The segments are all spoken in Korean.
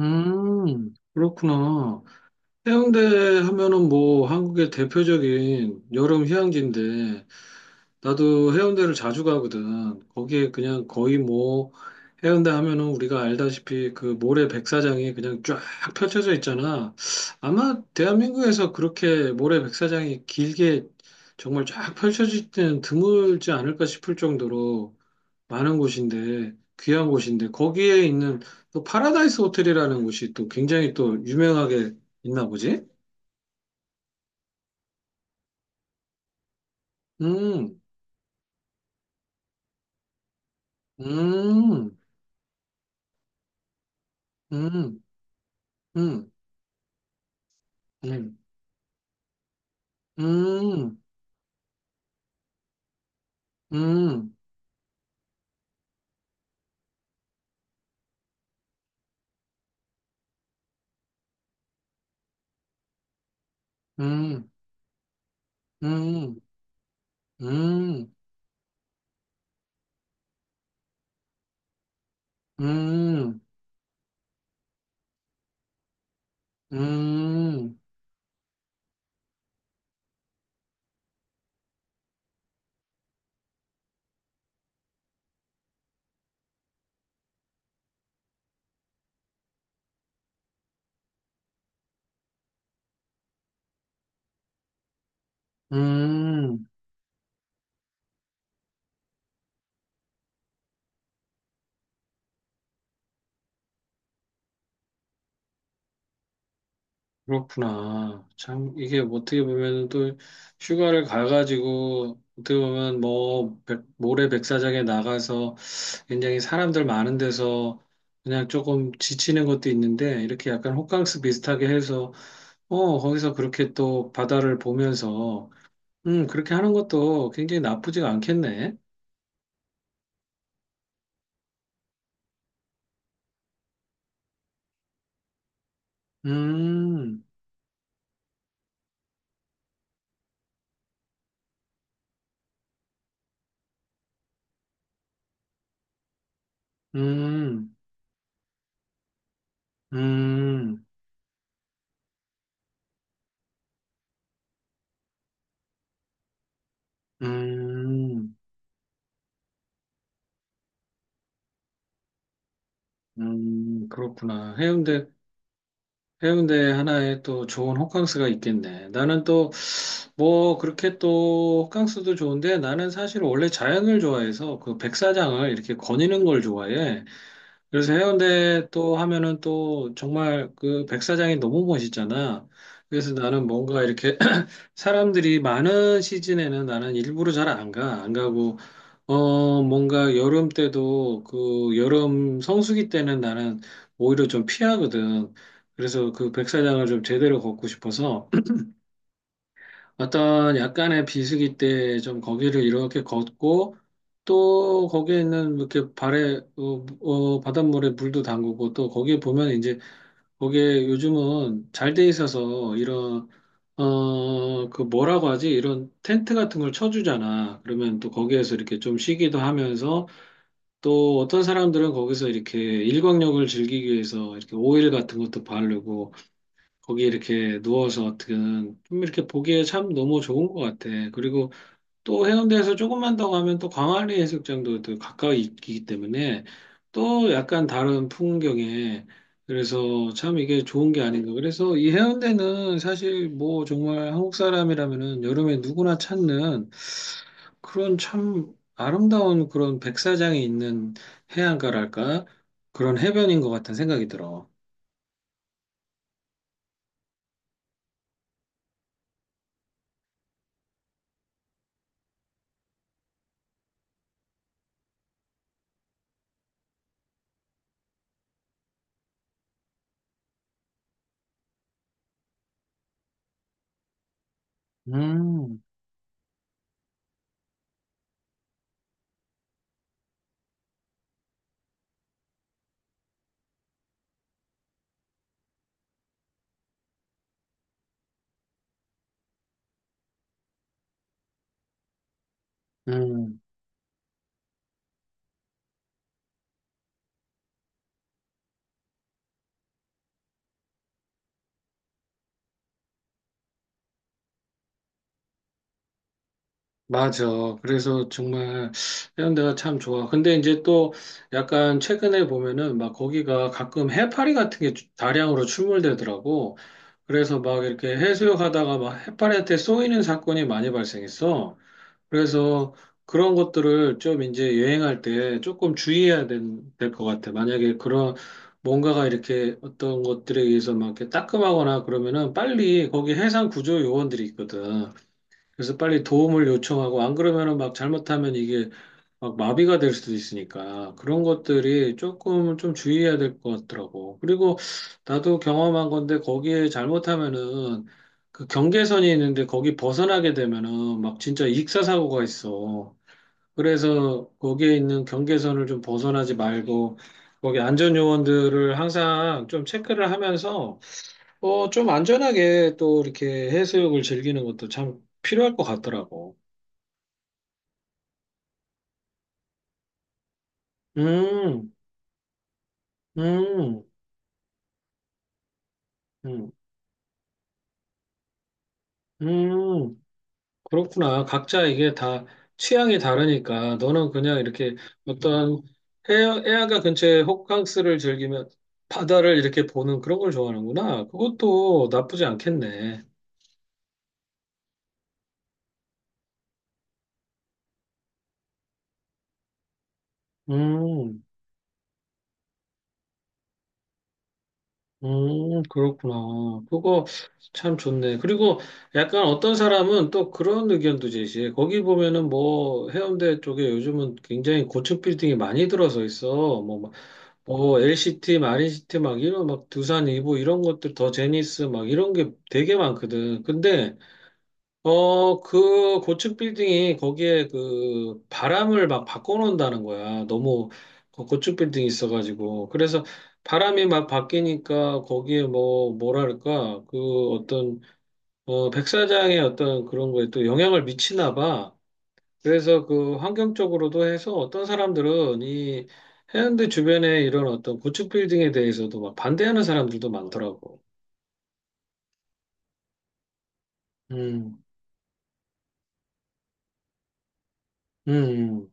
그렇구나. 해운대 하면은 뭐 한국의 대표적인 여름 휴양지인데 나도 해운대를 자주 가거든. 거기에 그냥 거의 뭐 해운대 하면은 우리가 알다시피 그 모래 백사장이 그냥 쫙 펼쳐져 있잖아. 아마 대한민국에서 그렇게 모래 백사장이 길게 정말 쫙 펼쳐질 때는 드물지 않을까 싶을 정도로 많은 곳인데, 귀한 곳인데, 거기에 있는 또 파라다이스 호텔이라는 곳이 또 굉장히 또 유명하게 있나 보지? 음. 음. 음. 음. 음. 음. 음. 음. 음. 음. 음. 음. 음. 그렇구나. 참, 이게 뭐 어떻게 보면 또 휴가를 가가지고, 어떻게 보면 뭐, 모래 백사장에 나가서 굉장히 사람들 많은 데서 그냥 조금 지치는 것도 있는데 이렇게 약간 호캉스 비슷하게 해서 어 거기서 그렇게 또 바다를 보면서 그렇게 하는 것도 굉장히 나쁘지가 않겠네. 음. 음. 음. 음. 음. 그렇구나. 해운대 하나에 또 좋은 호캉스가 있겠네. 나는 또, 뭐, 그렇게 또, 호캉스도 좋은데, 나는 사실 원래 자연을 좋아해서 그 백사장을 이렇게 거니는 걸 좋아해. 그래서 해운대 또 하면은 또 정말 그 백사장이 너무 멋있잖아. 그래서 나는 뭔가 이렇게 사람들이 많은 시즌에는 나는 일부러 잘 안 가. 안 가고, 뭔가 여름 때도 그 여름 성수기 때는 나는 오히려 좀 피하거든. 그래서 그 백사장을 좀 제대로 걷고 싶어서 어떤 약간의 비수기 때 좀 거기를 이렇게 걷고 또 거기에 있는 이렇게 발에 바닷물에 물도 담그고 또 거기에 보면 이제 거기에 요즘은 잘 돼 있어서 이런 그 뭐라고 하지? 이런 텐트 같은 걸 쳐주잖아. 그러면 또 거기에서 이렇게 좀 쉬기도 하면서 또 어떤 사람들은 거기서 이렇게 일광욕을 즐기기 위해서 이렇게 오일 같은 것도 바르고 거기 이렇게 누워서 어떻게든 좀 이렇게 보기에 참 너무 좋은 것 같아. 그리고 또 해운대에서 조금만 더 가면 또 광안리 해수욕장도 또 가까이 있기 때문에 또 약간 다른 풍경에 그래서 참 이게 좋은 게 아닌가. 그래서 이 해운대는 사실 뭐 정말 한국 사람이라면은 여름에 누구나 찾는 그런 참 아름다운 그런 백사장이 있는 해안가랄까? 그런 해변인 것 같은 생각이 들어. 음. 음. 맞아. 그래서 정말 이런 데가 참 좋아. 근데 이제 또 약간 최근에 보면은 막 거기가 가끔 해파리 같은 게 다량으로 출몰되더라고. 그래서 막 이렇게 해수욕 하다가 막 해파리한테 쏘이는 사건이 많이 발생했어. 그래서 그런 것들을 좀 이제 여행할 때 조금 주의해야 될것 같아. 만약에 그런 뭔가가 이렇게 어떤 것들에 의해서 막 이렇게 따끔하거나 그러면은 빨리 거기 해상 구조 요원들이 있거든. 그래서 빨리 도움을 요청하고 안 그러면은 막 잘못하면 이게 막 마비가 될 수도 있으니까 그런 것들이 조금 좀 주의해야 될 것 같더라고. 그리고 나도 경험한 건데 거기에 잘못하면은 그 경계선이 있는데 거기 벗어나게 되면은 막 진짜 익사 사고가 있어. 그래서 거기에 있는 경계선을 좀 벗어나지 말고 거기 안전 요원들을 항상 좀 체크를 하면서 좀 안전하게 또 이렇게 해수욕을 즐기는 것도 참 필요할 것 같더라고. 음. 음. 음. 음. 그렇구나. 각자 이게 다 취향이 다르니까 너는 그냥 이렇게 어떤 해안가 근처에 호캉스를 즐기면 바다를 이렇게 보는 그런 걸 좋아하는구나. 그것도 나쁘지 않겠네. 음. 음. 그렇구나. 그거 참 좋네. 그리고 약간 어떤 사람은 또 그런 의견도 제시해. 거기 보면은 뭐 해운대 쪽에 요즘은 굉장히 고층 빌딩이 많이 들어서 있어. 뭐 LCT, 마린시티 막 이런 막 두산 이보 이런 것들 더 제니스 막 이런 게 되게 많거든. 근데 그 고층 빌딩이 거기에 그 바람을 막 바꿔놓는다는 거야. 너무 그 고층 빌딩이 있어가지고. 그래서 바람이 막 바뀌니까 거기에 뭐 뭐랄까 그 어떤 백사장의 어떤 그런 거에 또 영향을 미치나 봐. 그래서 그 환경적으로도 해서 어떤 사람들은 이 해운대 주변에 이런 어떤 고층 빌딩에 대해서도 막 반대하는 사람들도 많더라고. 음. 음.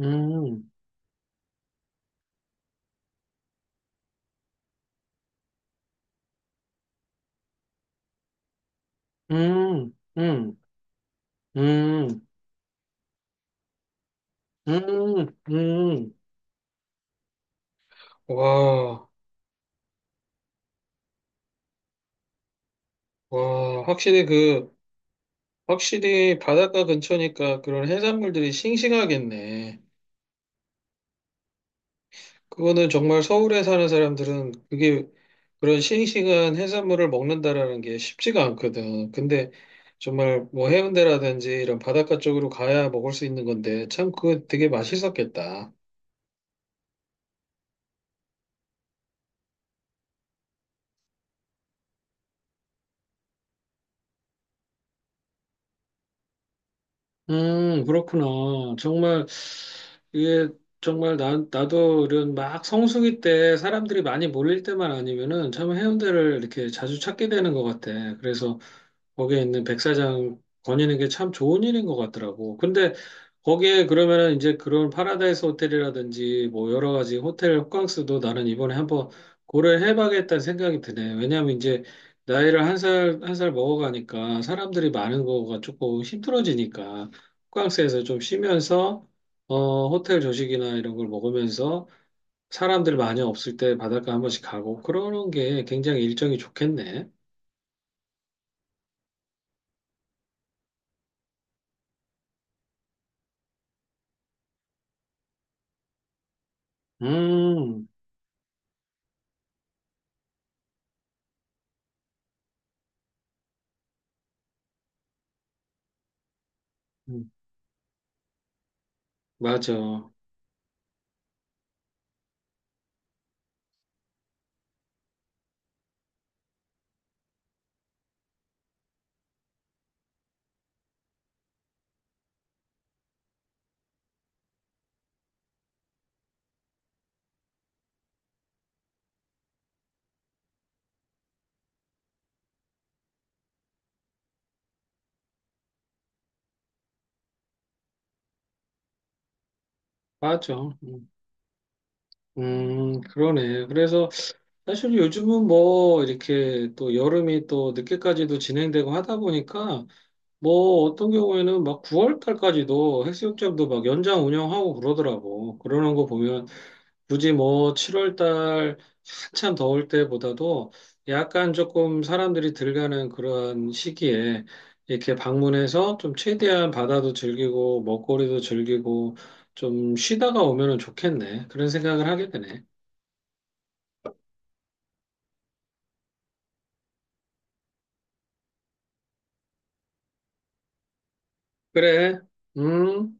음. 음. 음. 음. 음. 음. 와, 와, 확실히 확실히 바닷가 근처니까 그런 해산물들이 싱싱하겠네. 그거는 정말 서울에 사는 사람들은 그게 그런 싱싱한 해산물을 먹는다라는 게 쉽지가 않거든. 근데 정말 뭐 해운대라든지 이런 바닷가 쪽으로 가야 먹을 수 있는 건데 참 그거 되게 맛있었겠다. 그렇구나. 정말, 이게, 정말, 나도 이런 막 성수기 때 사람들이 많이 몰릴 때만 아니면은 참 해운대를 이렇게 자주 찾게 되는 것 같아. 그래서 거기에 있는 백사장 거니는 게 참 좋은 일인 것 같더라고. 근데 거기에 그러면은 이제 그런 파라다이스 호텔이라든지 뭐 여러 가지 호텔 호캉스도 나는 이번에 한번 고려를 해봐야겠다는 생각이 드네. 왜냐하면 이제 나이를 한 살, 한 살 먹어가니까 사람들이 많은 거가 조금 힘들어지니까 호캉스에서 좀 쉬면서 호텔 조식이나 이런 걸 먹으면서 사람들 많이 없을 때 바닷가 한 번씩 가고 그러는 게 굉장히 일정이 좋겠네. 음. 음. 맞아. 맞아. 음. 음. 그러네. 그래서 사실 요즘은 뭐 이렇게 또 여름이 또 늦게까지도 진행되고 하다 보니까 뭐 어떤 경우에는 막 9월 달까지도 해수욕장도 막 연장 운영하고 그러더라고. 그러는 거 보면 굳이 뭐 7월 달 한참 더울 때보다도 약간 조금 사람들이 들가는 그런 시기에 이렇게 방문해서 좀 최대한 바다도 즐기고 먹거리도 즐기고 좀 쉬다가 오면은 좋겠네. 그런 생각을 하게 되네. 그래. 음.